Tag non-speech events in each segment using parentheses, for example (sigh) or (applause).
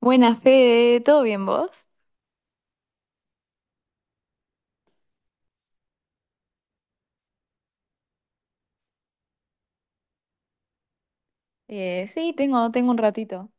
Buenas, Fede, ¿todo bien vos? Sí, tengo un ratito.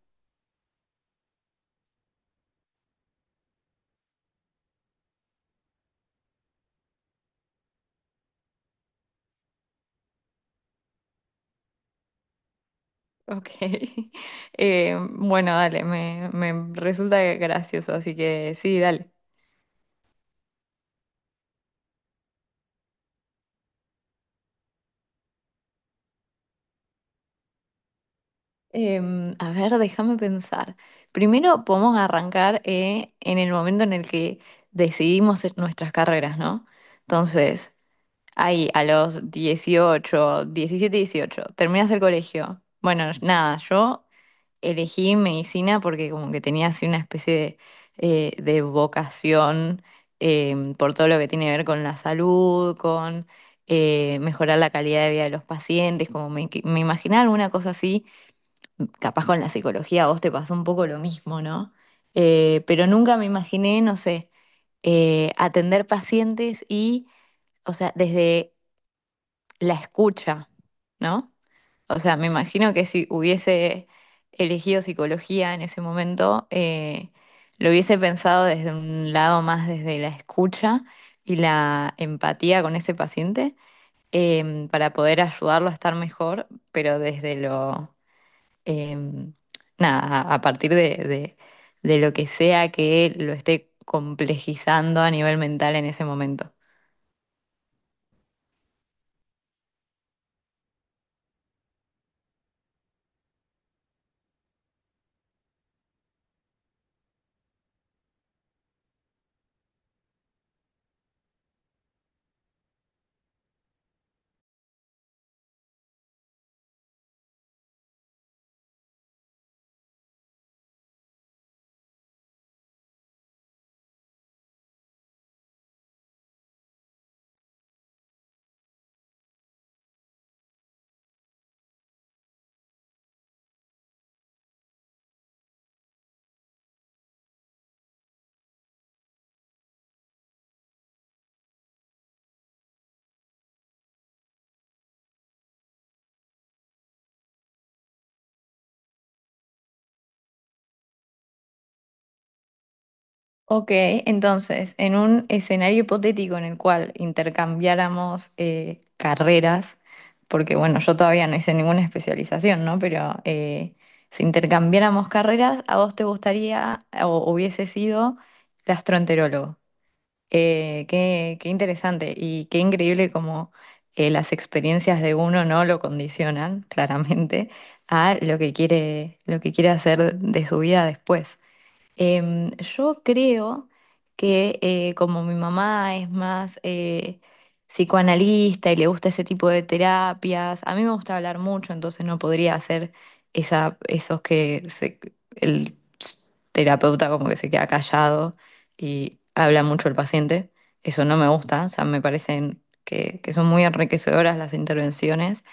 Ok. (laughs) Bueno, dale, me resulta gracioso, así que sí, dale. A ver, déjame pensar. Primero podemos arrancar en el momento en el que decidimos nuestras carreras, ¿no? Entonces, ahí a los 18, 17, 18, terminas el colegio. Bueno, nada, yo elegí medicina porque como que tenía así una especie de vocación por todo lo que tiene que ver con la salud, con mejorar la calidad de vida de los pacientes, como me imaginaba alguna cosa así, capaz con la psicología a vos te pasó un poco lo mismo, ¿no? Pero nunca me imaginé, no sé, atender pacientes y, o sea, desde la escucha, ¿no? O sea, me imagino que si hubiese elegido psicología en ese momento, lo hubiese pensado desde un lado más desde la escucha y la empatía con ese paciente, para poder ayudarlo a estar mejor, pero desde lo, em, nada, a de lo que sea que lo esté complejizando a nivel mental en ese momento. Ok, entonces, en un escenario hipotético en el cual intercambiáramos carreras, porque bueno, yo todavía no hice ninguna especialización, ¿no? Pero si intercambiáramos carreras, ¿a vos te gustaría o hubiese sido gastroenterólogo? Qué interesante y qué increíble como las experiencias de uno no lo condicionan (laughs) claramente a lo que quiere hacer de su vida después. Yo creo que como mi mamá es más psicoanalista y le gusta ese tipo de terapias, a mí me gusta hablar mucho, entonces no podría hacer esos el terapeuta como que se queda callado y habla mucho el paciente. Eso no me gusta, o sea, me parecen que son muy enriquecedoras las intervenciones.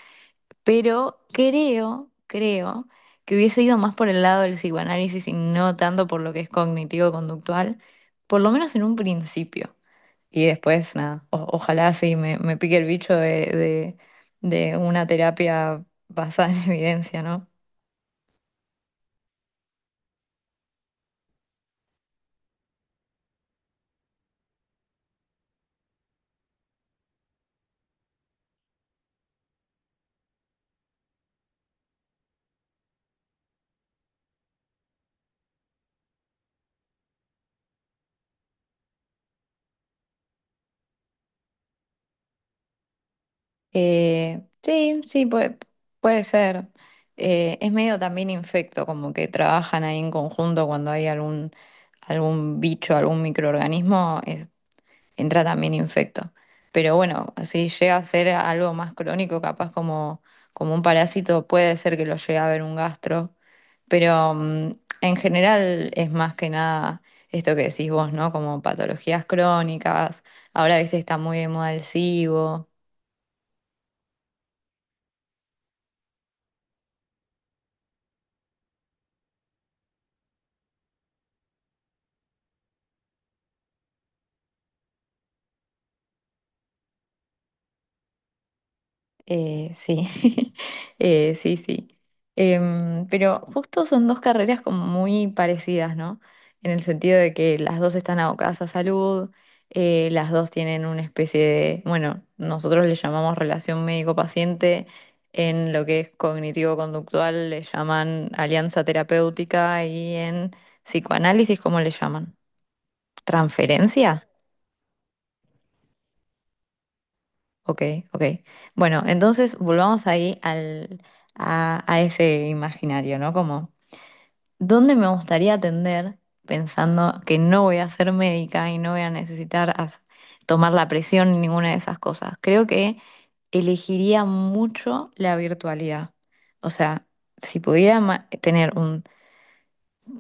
Pero creo que hubiese ido más por el lado del psicoanálisis y no tanto por lo que es cognitivo-conductual, por lo menos en un principio. Y después, nada, ojalá sí me pique el bicho de una terapia basada en (laughs) evidencia, ¿no? Eh, sí, sí, puede, puede ser. Es medio también infecto, como que trabajan ahí en conjunto cuando hay algún bicho, algún microorganismo, entra también infecto. Pero bueno, si llega a ser algo más crónico, como un parásito, puede ser que lo llegue a ver un gastro, pero en general es más que nada esto que decís vos, ¿no? Como patologías crónicas, ahora viste está muy de moda el SIBO. Eh, sí, (laughs) sí. Pero justo son dos carreras como muy parecidas, ¿no? En el sentido de que las dos están abocadas a salud, las dos tienen una especie de, bueno, nosotros le llamamos relación médico-paciente, en lo que es cognitivo-conductual le llaman alianza terapéutica y en psicoanálisis, ¿cómo le llaman? ¿Transferencia? Ok, ok. Bueno, entonces volvamos ahí a ese imaginario, ¿no? Como, ¿dónde me gustaría atender pensando que no voy a ser médica y no voy a necesitar tomar la presión ni ninguna de esas cosas? Creo que elegiría mucho la virtualidad. O sea, si pudiera tener un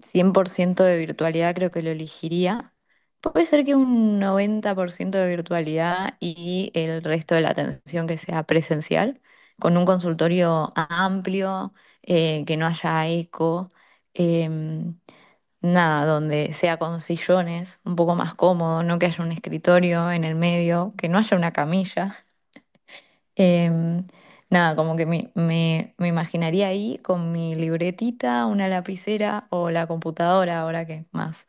100% de virtualidad creo que lo elegiría. Puede ser que un 90% de virtualidad y el resto de la atención que sea presencial, con un consultorio amplio, que no haya eco, em, nada, donde sea con sillones, un poco más cómodo, no que haya un escritorio en el medio, que no haya una camilla. Em, Nada, como que me imaginaría ahí con mi libretita, una lapicera o la computadora, ahora que más,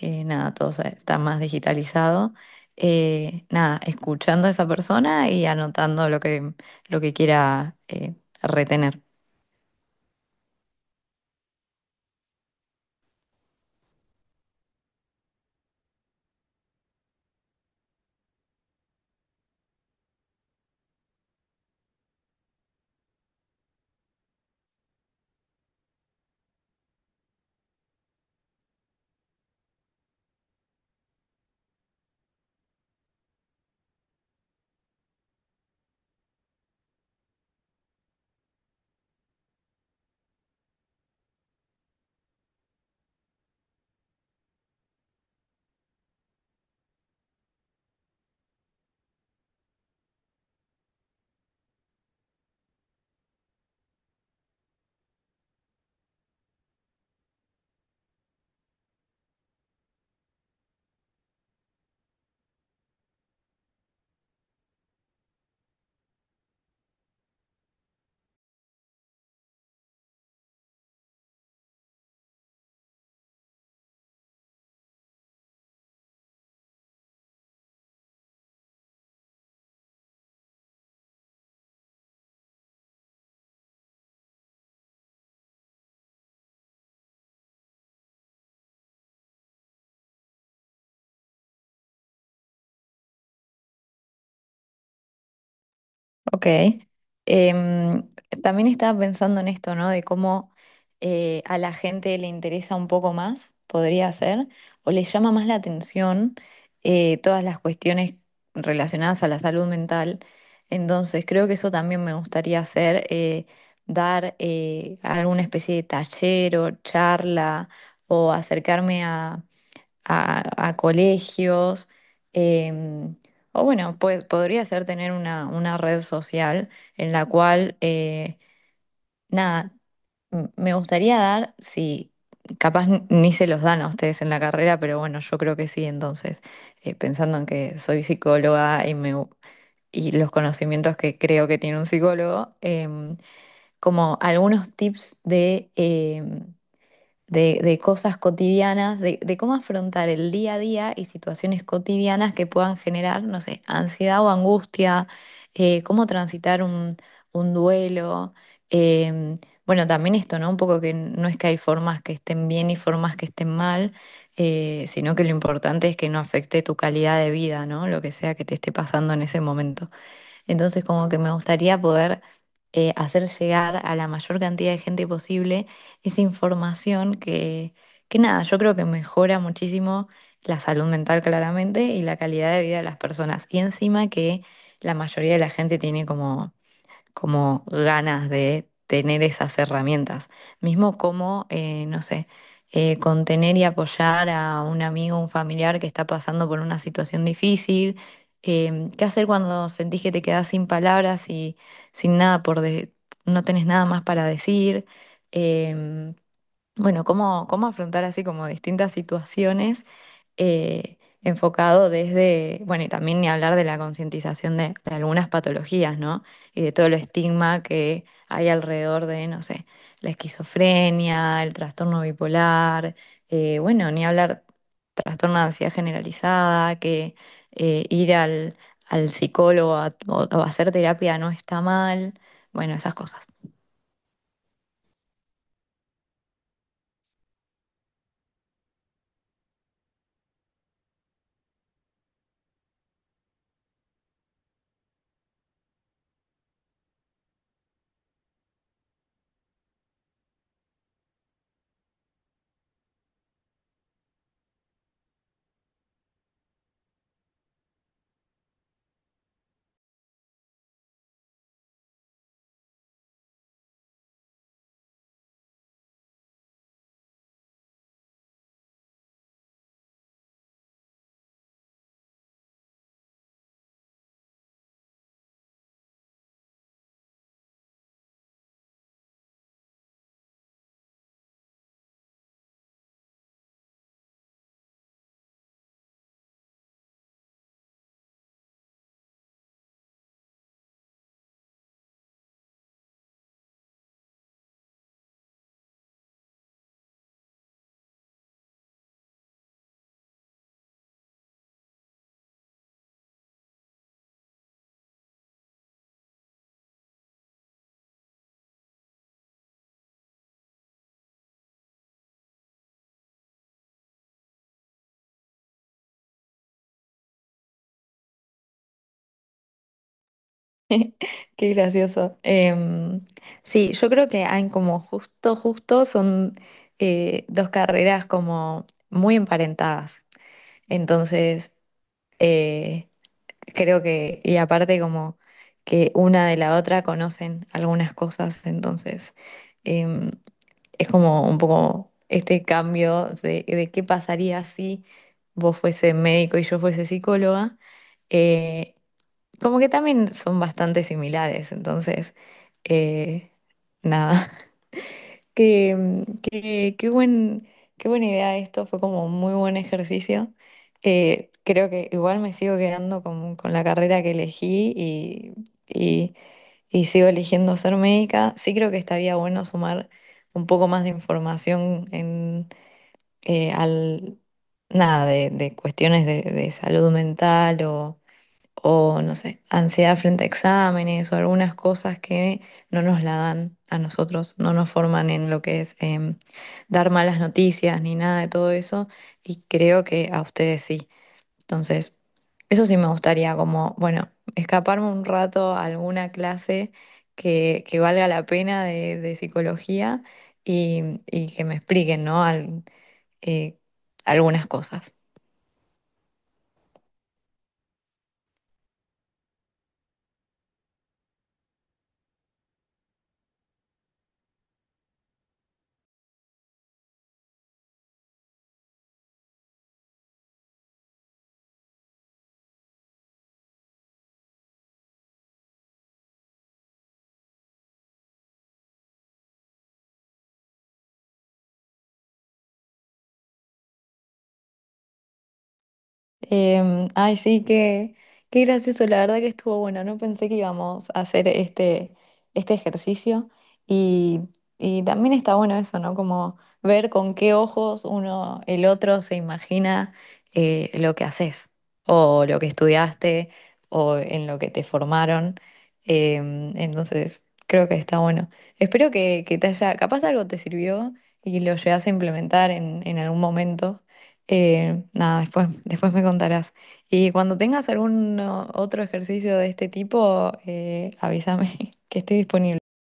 nada, todo está más digitalizado. Nada, escuchando a esa persona y anotando lo que quiera retener. Ok. Em, También estaba pensando en esto, ¿no? De cómo a la gente le interesa un poco más, podría ser, o le llama más la atención todas las cuestiones relacionadas a la salud mental. Entonces, creo que eso también me gustaría hacer, dar alguna especie de taller o charla o acercarme a, a colegios, em, o bueno, pues podría ser tener una red social en la cual, nada, me gustaría dar, si capaz ni se los dan a ustedes en la carrera, pero bueno, yo creo que sí, entonces, pensando en que soy psicóloga y y los conocimientos que creo que tiene un psicólogo, como algunos tips de de cosas cotidianas, de cómo afrontar el día a día y situaciones cotidianas que puedan generar, no sé, ansiedad o angustia, cómo transitar un duelo. em, bueno, también esto, ¿no? Un poco que no es que hay formas que estén bien y formas que estén mal, sino que lo importante es que no afecte tu calidad de vida, ¿no? Lo que sea que te esté pasando en ese momento. Entonces, como que me gustaría poder hacer llegar a la mayor cantidad de gente posible esa información que nada, yo creo que mejora muchísimo la salud mental claramente y la calidad de vida de las personas. Y encima que la mayoría de la gente tiene como ganas de tener esas herramientas. Mismo como, no sé, contener y apoyar a un amigo, un familiar que está pasando por una situación difícil. ¿Qué hacer cuando sentís que te quedás sin palabras y sin nada por de- no tenés nada más para decir? Em, bueno, cómo afrontar así como distintas situaciones eh, enfocado desde, bueno, y también ni hablar de la concientización de algunas patologías, ¿no? Y de todo el estigma que hay alrededor de, no sé, la esquizofrenia, el trastorno bipolar, bueno, ni hablar trastorno de ansiedad generalizada, que ir al psicólogo o hacer terapia no está mal, bueno, esas cosas. Qué gracioso. Sí, yo creo que hay como justo son dos carreras como muy emparentadas. Entonces, eh, creo que, y aparte como que una de la otra conocen algunas cosas, entonces em, es como un poco este cambio de qué pasaría si vos fuese médico y yo fuese psicóloga. Eh, Como que también son bastante similares, entonces, eh, nada, (laughs) qué qué qué buen, qué buena idea esto, fue como un muy buen ejercicio. Creo que igual me sigo quedando con la carrera que elegí y, y sigo eligiendo ser médica. Sí creo que estaría bueno sumar un poco más de información en, eh, al, nada, de cuestiones de salud mental o no sé, ansiedad frente a exámenes o algunas cosas que no nos la dan a nosotros, no nos forman en lo que es dar malas noticias ni nada de todo eso y creo que a ustedes sí. Entonces, eso sí me gustaría como, bueno, escaparme un rato a alguna clase que valga la pena de psicología y que me expliquen, ¿no? Eh, algunas cosas. Ay, sí, qué, qué gracioso, la verdad que estuvo bueno, no pensé que íbamos a hacer este ejercicio y, y también está bueno eso, ¿no? Como ver con qué ojos uno, el otro se imagina lo que haces o lo que estudiaste o en lo que te formaron. Entonces, creo que está bueno. Espero que te haya, capaz algo te sirvió y lo llegas a implementar en algún momento. Nada, después me contarás. Y cuando tengas algún otro ejercicio de este tipo, avísame (laughs) que estoy disponible.